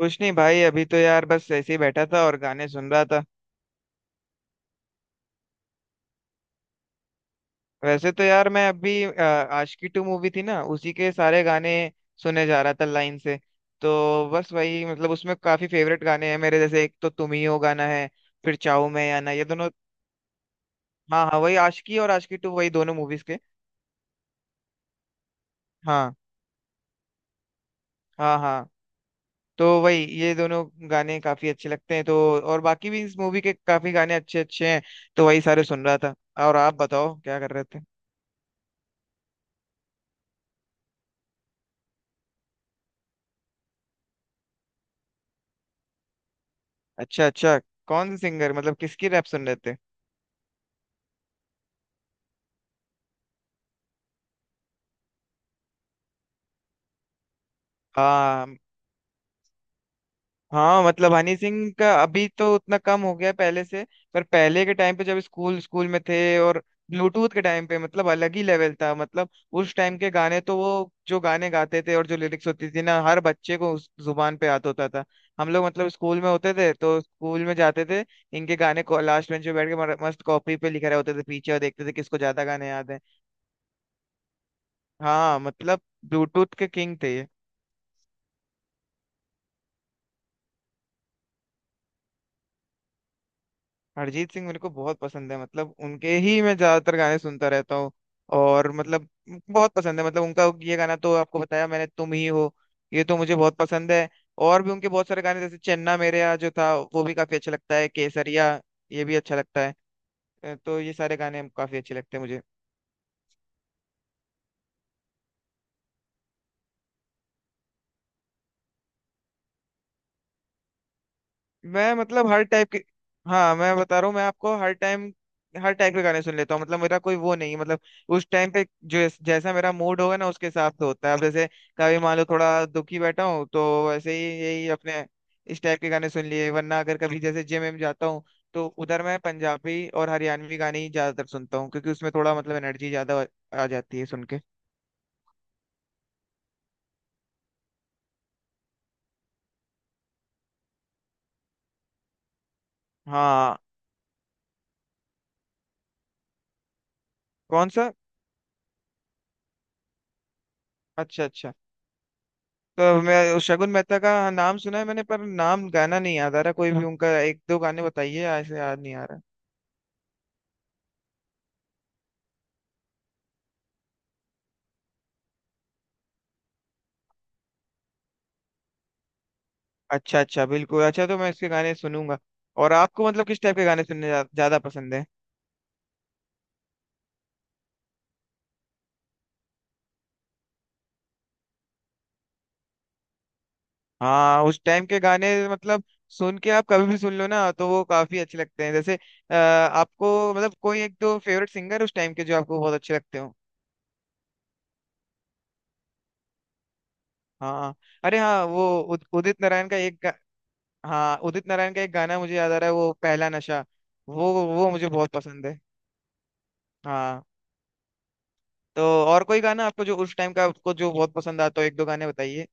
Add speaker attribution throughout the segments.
Speaker 1: कुछ नहीं भाई, अभी तो यार बस ऐसे ही बैठा था और गाने सुन रहा था। वैसे तो यार मैं अभी आशिकी टू मूवी थी ना, उसी के सारे गाने सुने जा रहा था लाइन से। तो बस वही मतलब उसमें काफी फेवरेट गाने हैं मेरे, जैसे एक तो तुम ही हो गाना है, फिर चाहूं मैं या ना, ये दोनों। हाँ हाँ, वही आशिकी और आशिकी टू, वही दोनों मूवीज के। हाँ। हाँ हाँ। तो वही ये दोनों गाने काफी अच्छे लगते हैं, तो और बाकी भी इस मूवी के काफी गाने अच्छे अच्छे हैं, तो वही सारे सुन रहा था। और आप बताओ क्या कर रहे थे। अच्छा अच्छा, कौन से सिंगर, मतलब किसकी रैप सुन रहे थे। हाँ। हाँ मतलब हनी सिंह का अभी तो उतना कम हो गया पहले से। पर पहले के टाइम पे जब स्कूल स्कूल में थे और ब्लूटूथ के टाइम पे, मतलब अलग ही लेवल था, मतलब उस टाइम के गाने तो वो, जो गाने गाते थे और जो लिरिक्स होती थी ना, हर बच्चे को उस जुबान पे याद होता था। हम लोग मतलब स्कूल में होते थे तो स्कूल में जाते थे, इनके गाने को लास्ट बेंच पे बैठ के मस्त कॉपी पे लिखे रहे होते थे पीछे, और देखते थे किसको ज्यादा गाने याद है। हाँ मतलब, ब्लूटूथ के किंग थे ये। अरिजीत सिंह मेरे को बहुत पसंद है, मतलब उनके ही मैं ज्यादातर गाने सुनता रहता हूँ। और मतलब बहुत पसंद है, मतलब उनका ये गाना तो आपको बताया मैंने, तुम ही हो, ये तो मुझे बहुत पसंद है। और भी उनके बहुत सारे गाने जैसे चन्ना मेरेया जो था वो भी काफी अच्छा लगता है, केसरिया ये भी अच्छा लगता है। तो ये सारे गाने काफी अच्छे लगते हैं मुझे। मैं मतलब हर टाइप के। हाँ मैं बता रहा हूँ, मैं आपको हर टाइम हर टाइप के गाने सुन लेता हूँ, मतलब मेरा कोई वो नहीं है। मतलब उस टाइम पे जो जैसा मेरा मूड होगा ना, उसके हिसाब से होता है। अब जैसे कभी मान लो थोड़ा दुखी बैठा हूँ, तो वैसे ही यही अपने इस टाइप के गाने सुन लिए। वरना अगर कभी जैसे जिम में जाता हूँ, तो उधर मैं पंजाबी और हरियाणवी गाने ही ज्यादातर सुनता हूँ, क्योंकि उसमें थोड़ा मतलब एनर्जी ज्यादा आ जाती है सुन के। हाँ। कौन सा। अच्छा अच्छा, तो मैं उस शगुन मेहता का नाम सुना है मैंने, पर नाम गाना नहीं याद आ रहा, कोई भी उनका एक दो गाने बताइए, ऐसे याद नहीं आ रहा। अच्छा अच्छा, बिल्कुल, अच्छा तो मैं इसके गाने सुनूंगा। और आपको मतलब किस टाइप के गाने सुनने ज्यादा पसंद है। हाँ उस टाइम के गाने मतलब, सुन के आप कभी भी सुन लो ना तो वो काफी अच्छे लगते हैं, जैसे आपको मतलब कोई एक दो फेवरेट सिंगर उस टाइम के जो आपको बहुत अच्छे लगते हो। हाँ। अरे हाँ वो उदित नारायण का एक हाँ उदित नारायण का एक गाना मुझे याद आ रहा है, वो पहला नशा, वो मुझे बहुत पसंद है। हाँ। तो और कोई गाना आपको जो उस टाइम का आपको जो बहुत पसंद आता हो, एक दो गाने बताइए।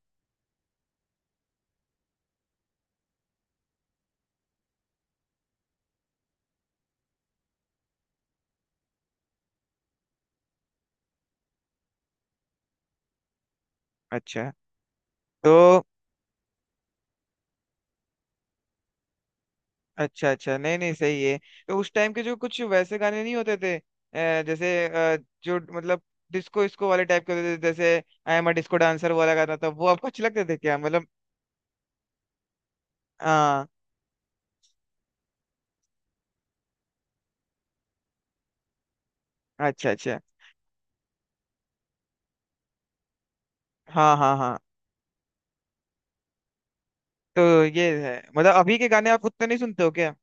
Speaker 1: अच्छा। तो अच्छा अच्छा, नहीं नहीं सही है। तो उस टाइम के जो कुछ वैसे गाने नहीं होते थे, जैसे जो मतलब डिस्को इसको वाले टाइप के होते थे जैसे I am a disco dancer वाला गाना था, वो आपको अच्छे लगते थे क्या मतलब। हाँ। अच्छा अच्छा। हाँ हाँ हाँ। तो ये है, मतलब अभी के गाने आप उतने नहीं सुनते हो क्या।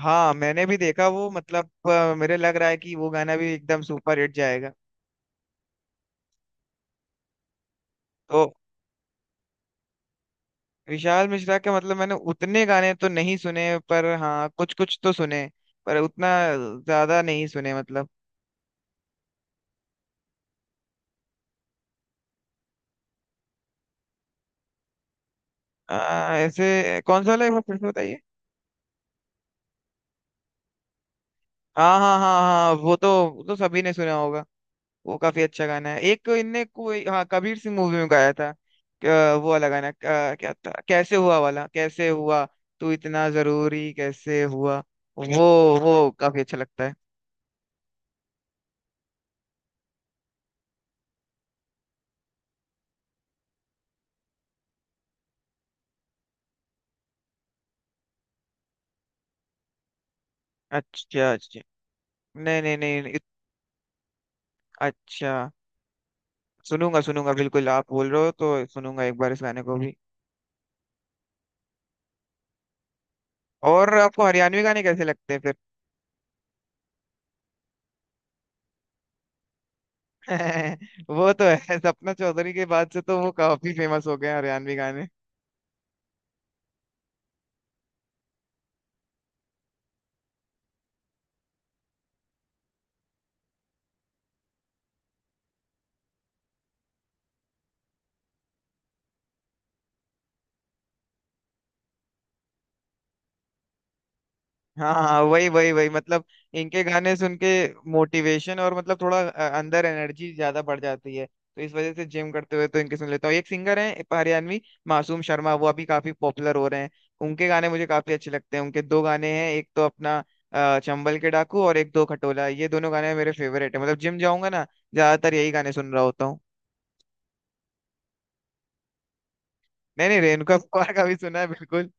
Speaker 1: हाँ मैंने भी देखा वो, मतलब मेरे लग रहा है कि वो गाना भी एकदम सुपर हिट जाएगा। तो विशाल मिश्रा के मतलब मैंने उतने गाने तो नहीं सुने, पर हाँ कुछ कुछ तो सुने, पर उतना ज्यादा नहीं सुने मतलब। ऐसे कौन सा वाला है, एक बार फिर से बताइए। हाँ हाँ हाँ हाँ, वो तो, वो तो सभी ने सुना होगा। वो काफी अच्छा गाना है। एक इनने कोई हाँ कबीर सिंह मूवी में गाया था। वो वाला गाना क्या, क्या था, कैसे हुआ वाला, कैसे हुआ, तू इतना जरूरी कैसे हुआ, वो काफी अच्छा लगता है। अच्छा अच्छा। नहीं नहीं नहीं अच्छा, सुनूंगा सुनूंगा, बिल्कुल आप बोल रहे हो तो सुनूंगा एक बार इस गाने को भी। और आपको हरियाणवी गाने कैसे लगते हैं फिर। वो तो है, सपना चौधरी के बाद से तो वो काफी फेमस हो गए हैं हरियाणवी गाने। हाँ हाँ, वही वही वही मतलब इनके गाने सुन के मोटिवेशन और मतलब थोड़ा अंदर एनर्जी ज्यादा बढ़ जाती है, तो इस वजह से जिम करते हुए तो इनके सुन लेता हूँ। एक सिंगर है हरियाणवी, मासूम शर्मा, वो अभी काफी पॉपुलर हो रहे हैं। उनके गाने मुझे काफी अच्छे लगते हैं, उनके दो गाने हैं, एक तो अपना चंबल के डाकू, और एक दो खटोला, ये दोनों गाने मेरे फेवरेट है, मतलब जिम जाऊंगा ना, ज्यादातर यही गाने सुन रहा होता हूँ। नहीं नहीं, रेणुका कपूर का भी सुना है बिल्कुल,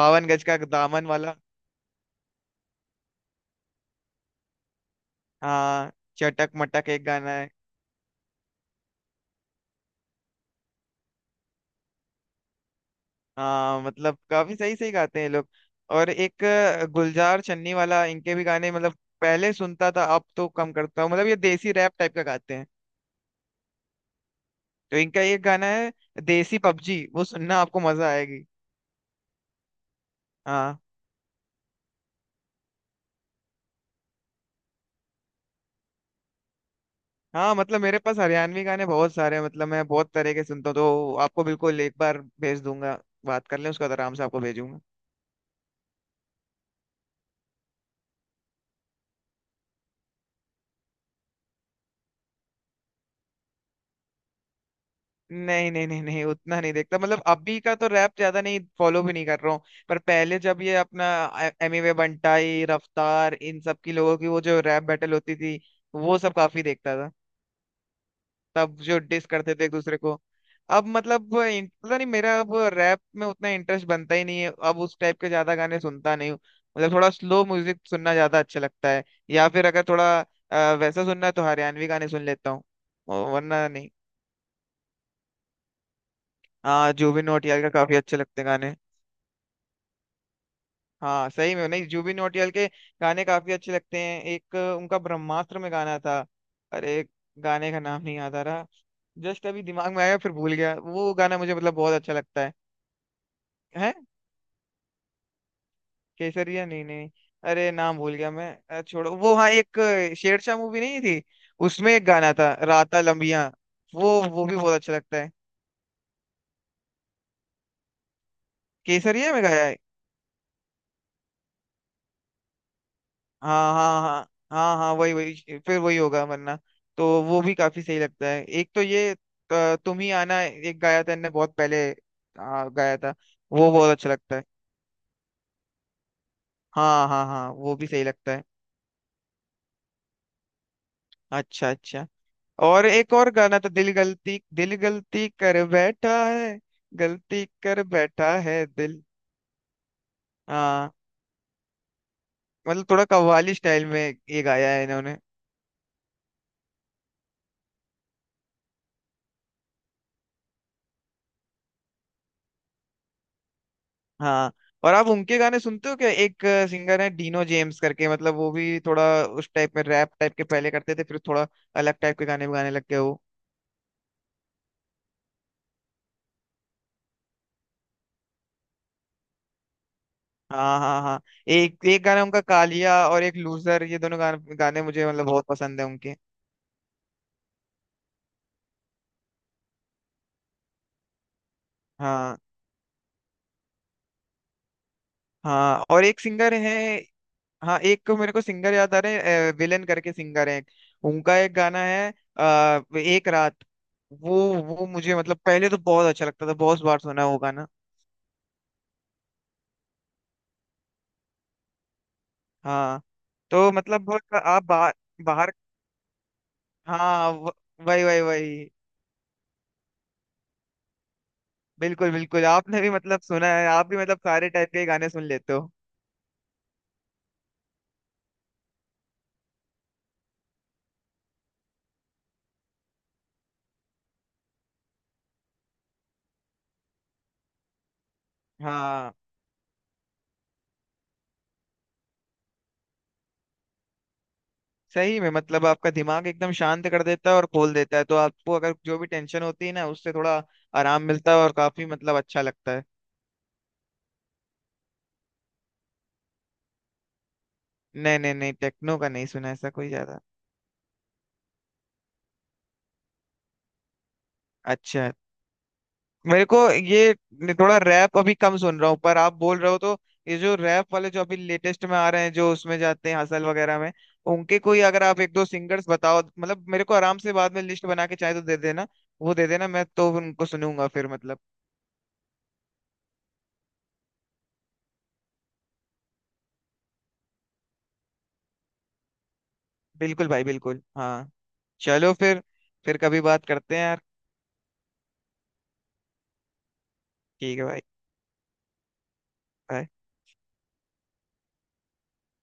Speaker 1: बावन गज का दामन वाला। हाँ, चटक मटक एक गाना है। हाँ मतलब काफी सही सही गाते हैं ये लोग। और एक गुलजार चन्नी वाला, इनके भी गाने मतलब पहले सुनता था, अब तो कम करता हूँ, मतलब ये देसी रैप टाइप का गाते हैं। तो इनका एक गाना है देसी पबजी, वो सुनना आपको मजा आएगी। हाँ। हाँ मतलब मेरे पास हरियाणवी गाने बहुत सारे हैं, मतलब मैं बहुत तरह के सुनता हूँ, तो आपको बिल्कुल एक बार भेज दूंगा, बात कर लें उसका, तो आराम से आपको भेजूंगा। नहीं नहीं नहीं नहीं उतना नहीं देखता, मतलब अभी का तो रैप ज्यादा नहीं फॉलो भी नहीं कर रहा हूँ। पर पहले जब ये अपना एमिवे बंटाई, रफ्तार, इन सब की लोगों की वो जो रैप बैटल होती थी, वो सब काफी देखता था, तब जो डिस करते थे एक दूसरे को। अब मतलब वो पता नहीं मेरा अब रैप में उतना इंटरेस्ट बनता ही नहीं है, अब उस टाइप के ज्यादा गाने सुनता नहीं हूँ। मतलब थोड़ा स्लो म्यूजिक सुनना ज्यादा अच्छा लगता है, या फिर अगर थोड़ा वैसा सुनना है तो हरियाणवी गाने सुन लेता हूँ, वरना नहीं। हाँ जुबिन नौटियाल का काफी अच्छे लगते हैं गाने। हाँ सही में, नहीं जुबिन नौटियाल के गाने काफी अच्छे लगते हैं। एक उनका ब्रह्मास्त्र में गाना था, अरे गाने का नाम नहीं याद आ रहा, जस्ट अभी दिमाग में आया फिर भूल गया, वो गाना मुझे मतलब बहुत अच्छा लगता है। है। केसरिया नहीं नहीं, अरे नाम भूल गया मैं, छोड़ो वो, हाँ एक शेरशाह मूवी नहीं थी, उसमें एक गाना था राता लंबिया, वो भी बहुत अच्छा लगता है। केसरिया में गाया है, हाँ हाँ हाँ। हाँ हाँ वही वही फिर वही होगा वरना। तो वो भी काफी सही लगता है। एक तो ये तुम ही आना, एक गाया था इनने बहुत पहले, गाया था, वो बहुत अच्छा लगता है। हाँ हाँ हाँ, वो भी सही लगता है। अच्छा अच्छा। और एक और गाना था, दिल गलती कर बैठा है, गलती कर बैठा है दिल। हाँ मतलब थोड़ा कव्वाली स्टाइल में ये गाया है इन्होंने। हाँ, और आप उनके गाने सुनते हो क्या, एक सिंगर है डीनो जेम्स करके, मतलब वो भी थोड़ा उस टाइप में रैप टाइप के पहले करते थे, फिर थोड़ा अलग टाइप के गाने भी गाने लग गए वो। हाँ हाँ हाँ। एक एक गाना उनका कालिया, और एक लूजर, ये दोनों गाने गाने मुझे मतलब बहुत पसंद है उनके। हाँ। हाँ और एक सिंगर है, हाँ एक को मेरे को सिंगर याद आ रहे हैं, विलन करके सिंगर है, उनका एक गाना है एक रात, वो वो मुझे मतलब पहले तो बहुत अच्छा लगता था, बहुत बार सुना है वो गाना। हाँ। तो मतलब आप बाहर, बाहर हाँ वही वही वही। बिल्कुल बिल्कुल, आपने भी मतलब सुना है, आप भी मतलब सारे टाइप के गाने सुन लेते हो। हाँ सही में मतलब आपका दिमाग एकदम शांत कर देता है और खोल देता है, तो आपको अगर जो भी टेंशन होती है ना, उससे थोड़ा आराम मिलता है, और काफी मतलब अच्छा लगता है। नहीं नहीं नहीं टेक्नो का नहीं सुना ऐसा कोई ज्यादा। अच्छा। मेरे को ये थोड़ा रैप अभी कम सुन रहा हूँ, पर आप बोल रहे हो तो, ये जो रैप वाले जो अभी लेटेस्ट में आ रहे हैं, जो उसमें जाते हैं हसल वगैरह में, उनके कोई अगर आप एक दो सिंगर्स बताओ, मतलब मेरे को आराम से बाद में लिस्ट बना के चाहे तो दे देना, वो दे देना, मैं तो उनको सुनूंगा फिर मतलब। बिल्कुल भाई बिल्कुल, हाँ चलो फिर कभी बात करते हैं यार। ठीक है भाई। bye.